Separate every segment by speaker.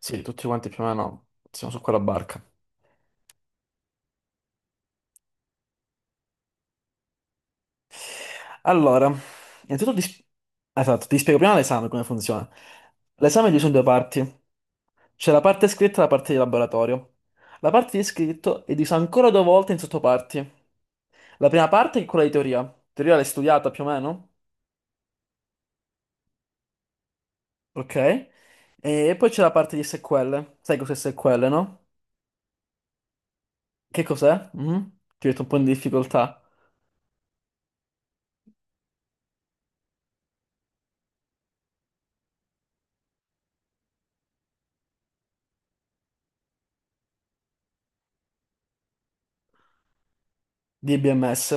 Speaker 1: Sì, tutti quanti più o meno siamo su quella barca. Allora, innanzitutto esatto, ti spiego prima l'esame come funziona. L'esame è diviso in due parti. C'è la parte scritta e la parte di laboratorio. La parte di scritto è divisa ancora due volte in sottoparti. La prima parte è quella di teoria. Teoria l'hai studiata più o meno, ok? E poi c'è la parte di SQL. Sai cos'è SQL, no? Che cos'è? Mhm. Ti ho detto un po' in difficoltà. DBMS.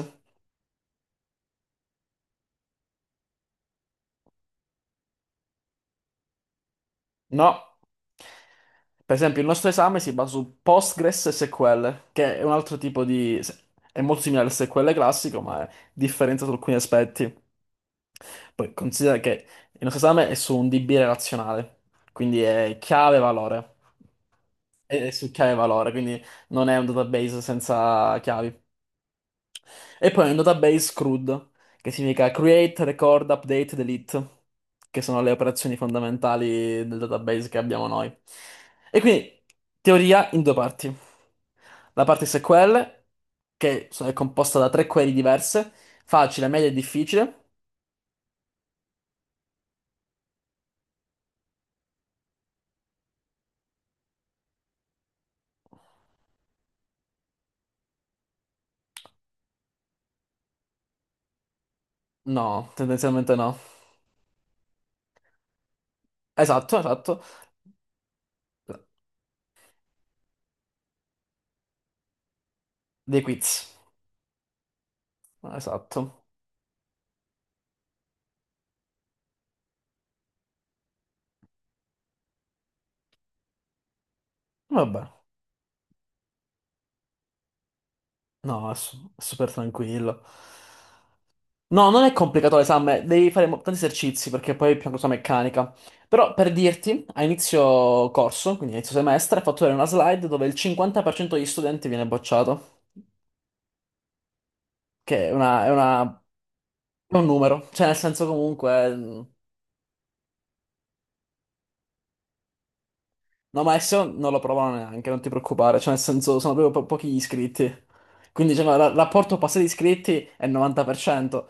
Speaker 1: No. Per esempio, il nostro esame si basa su Postgres e SQL, che è un altro tipo di. È molto simile al SQL classico, ma è differente su alcuni aspetti. Poi considera che il nostro esame è su un DB relazionale, quindi è chiave-valore. È su chiave-valore, quindi non è un database senza chiavi. E poi un database CRUD, che significa Create, Record, Update, Delete, che sono le operazioni fondamentali del database che abbiamo noi. E quindi, teoria in due parti. La parte SQL, è composta da tre query diverse, facile, media e difficile. No, tendenzialmente no. Esatto, esatto. Dei quiz. Esatto. Vabbè. No, è super tranquillo. No, non è complicato l'esame, devi fare tanti esercizi perché poi è più una cosa meccanica. Però per dirti, a inizio corso, quindi a inizio semestre, ho fatto vedere una slide dove il 50% degli studenti viene bocciato, che è un numero, cioè nel senso comunque. No, ma adesso non lo provano neanche, non ti preoccupare, cioè nel senso sono proprio pochi gli iscritti. Quindi diciamo, il rapporto passati iscritti è il 90%.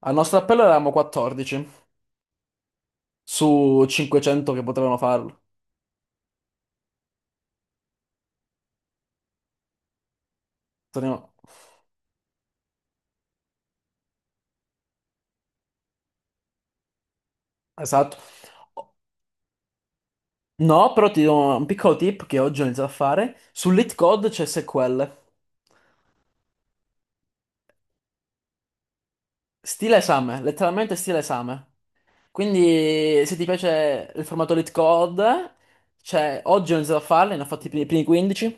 Speaker 1: Al nostro appello eravamo 14 su 500 che potevano farlo. Torniamo- Esatto. No, però ti do un piccolo tip che oggi ho iniziato a fare. Sull'Hit Code c'è SQL. Stile esame, letteralmente stile esame. Quindi se ti piace il formato Lit Code, oggi ho iniziato a farli, ne ho fatti i primi 15.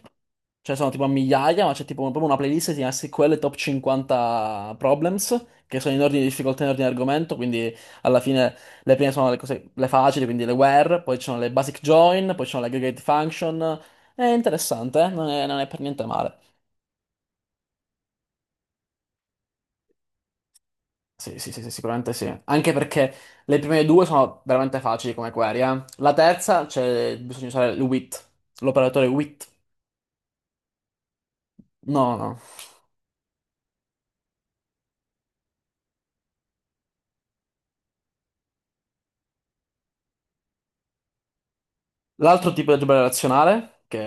Speaker 1: Cioè sono tipo a migliaia, ma c'è tipo proprio una playlist che si chiama SQL Top 50 Problems, che sono in ordine di difficoltà, in ordine di argomento, quindi alla fine le prime sono le cose, le facili, quindi le where, poi ci sono le basic join, poi ci sono le aggregate function. È interessante, eh? Non è per niente male. Sì, sì, sì, sì, sicuramente sì. Anche perché le prime due sono veramente facili come query, eh. La terza, c'è bisogna usare il with, l'operatore with. No, no, no. L'altro tipo di algebra relazionale, che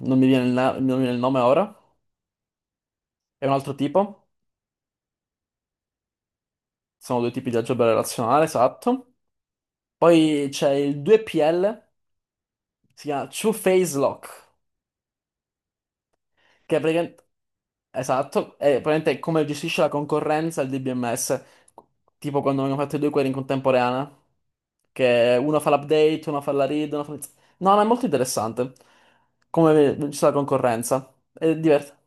Speaker 1: non mi viene il nome ora, è un altro tipo. Sono due tipi di algebra relazionale, esatto. Poi c'è il 2PL, si chiama Two Phase Lock, che è praticamente. Esatto, è praticamente come gestisce la concorrenza il DBMS, tipo quando abbiamo fatto i due query in contemporanea, che uno fa l'update, uno fa la read, uno fa. No, no, è molto interessante come gestisce la concorrenza, è divertente.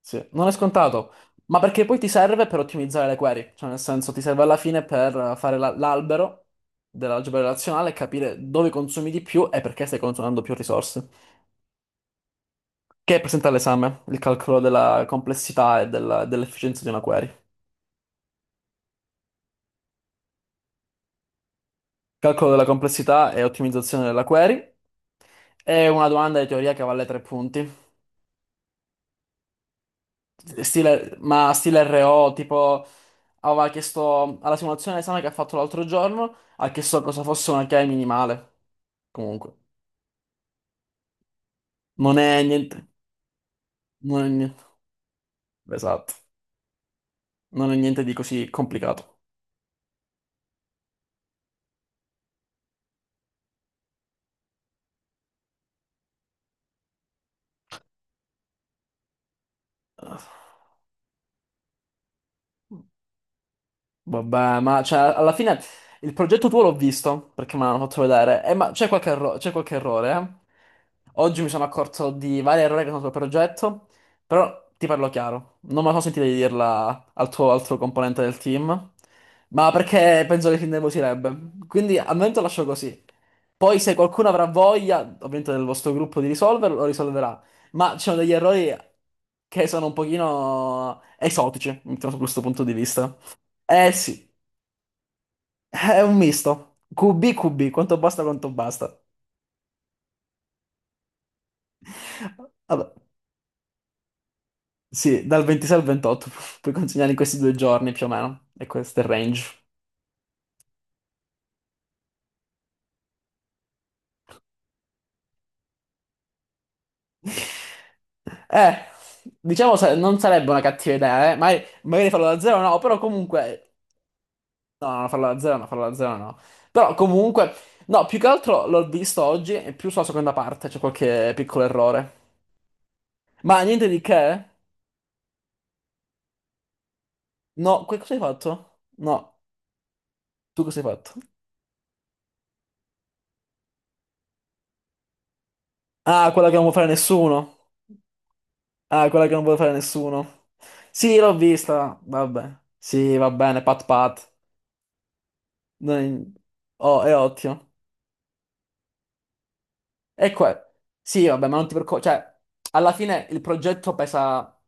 Speaker 1: Sì, non è scontato, ma perché poi ti serve per ottimizzare le query, cioè nel senso ti serve alla fine per fare l'albero dell'algebra relazionale e capire dove consumi di più e perché stai consumando più risorse, che è presente all'esame, il calcolo della complessità e dell'efficienza di una query. Calcolo della complessità e ottimizzazione della query è una domanda di teoria che vale 3 punti. Stile RO, tipo, aveva chiesto alla simulazione d'esame che ha fatto l'altro giorno, ha chiesto cosa fosse una chiave minimale. Comunque, non è niente, non è niente, esatto, non è niente di così complicato. Vabbè, ma cioè, alla fine il progetto tuo l'ho visto perché me l'hanno fatto vedere. Ma c'è qualche errore, eh? Oggi mi sono accorto di vari errori che sono sul progetto, però ti parlo chiaro. Non me la sono sentita di dirla al tuo altro componente del team, ma perché penso che si innervosirebbe. Quindi al momento lascio così. Poi se qualcuno avrà voglia, ovviamente del vostro gruppo, di risolverlo, lo risolverà. Ma ci sono degli errori che sono un pochino esotici, mettiamo da questo punto di vista. Eh sì. È un misto. QB, QB, quanto basta, quanto basta. Vabbè, sì, dal 26 al 28 puoi consegnare in questi 2 giorni più o meno. E questo è il range. Eh, diciamo non sarebbe una cattiva idea, eh. Magari farlo da zero no, però comunque. No, no, farlo da zero no, farlo da zero no. Però comunque. No, più che altro l'ho visto oggi e più sulla seconda parte c'è qualche piccolo errore. Ma niente di che? No, cosa hai fatto? No, tu cosa hai fatto? Ah, quella che non vuole fare nessuno. Ah, quella che non vuole fare nessuno. Sì, l'ho vista. Vabbè. Sì, va bene, pat pat. Non- Oh, è ottimo. E qua. Sì, vabbè, ma non ti preoccupare. Cioè, alla fine il progetto pesa,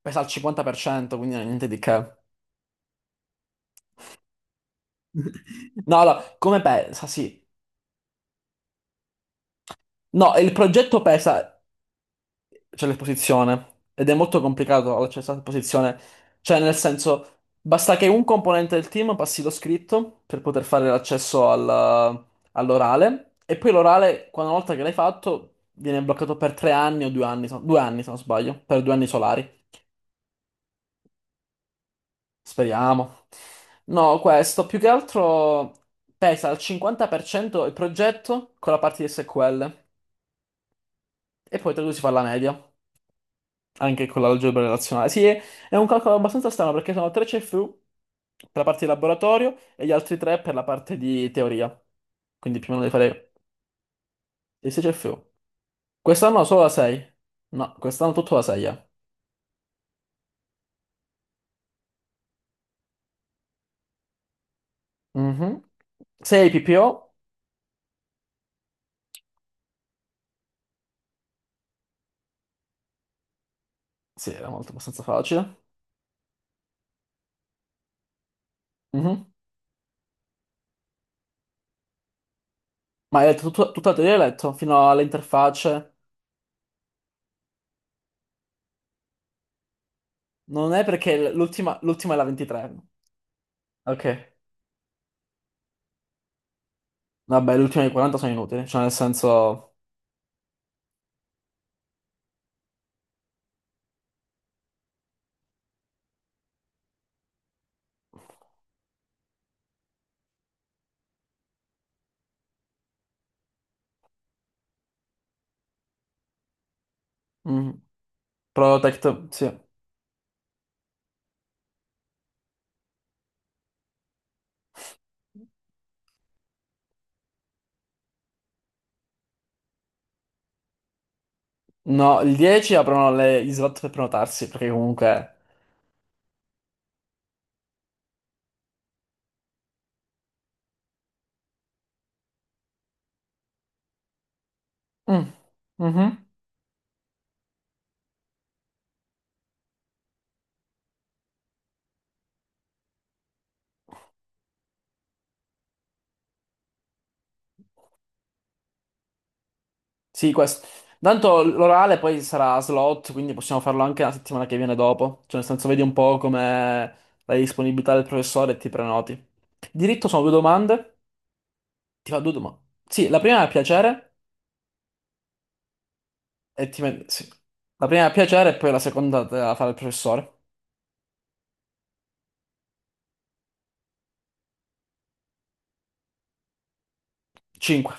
Speaker 1: pesa al 50%, quindi niente di che. No, no, come pesa? Sì. No, il progetto pesa, c'è l'esposizione ed è molto complicato l'accesso all'esposizione. Cioè, nel senso, basta che un componente del team passi lo scritto per poter fare l'accesso all'orale e poi l'orale, quando una volta che l'hai fatto, viene bloccato per 3 anni o 2 anni, no, 2 anni se non sbaglio, per 2 anni solari. Speriamo. No, questo più che altro pesa al 50% il progetto con la parte di SQL e poi tra i due si fa la media. Anche con l'algebra relazionale. Sì, è un calcolo abbastanza strano perché sono 3 CFU per la parte di laboratorio e gli altri tre per la parte di teoria. Quindi più o meno devi fare i 6 CFU. Quest'anno solo la 6. No, quest'anno tutto la 6. Mhm. 6 PPO. Sì, era molto abbastanza facile. Mhm. Ma hai letto tutta la teoria, hai letto fino alle interfacce. Non è perché l'ultima è la 23. Ok. Vabbè, le ultime 40 sono inutili, cioè nel senso. Mm. Protect, sì. No, il 10 aprono gli slot per prenotarsi, perché comunque. Mm, mhm. Sì, questo. Tanto l'orale poi sarà a slot, quindi possiamo farlo anche la settimana che viene dopo. Cioè, nel senso, vedi un po' come la disponibilità del professore e ti prenoti. Diritto sono due domande. Ti fa due domande. Sì, la prima è a piacere e sì. La prima è a piacere e poi la seconda te la fa il professore. 5.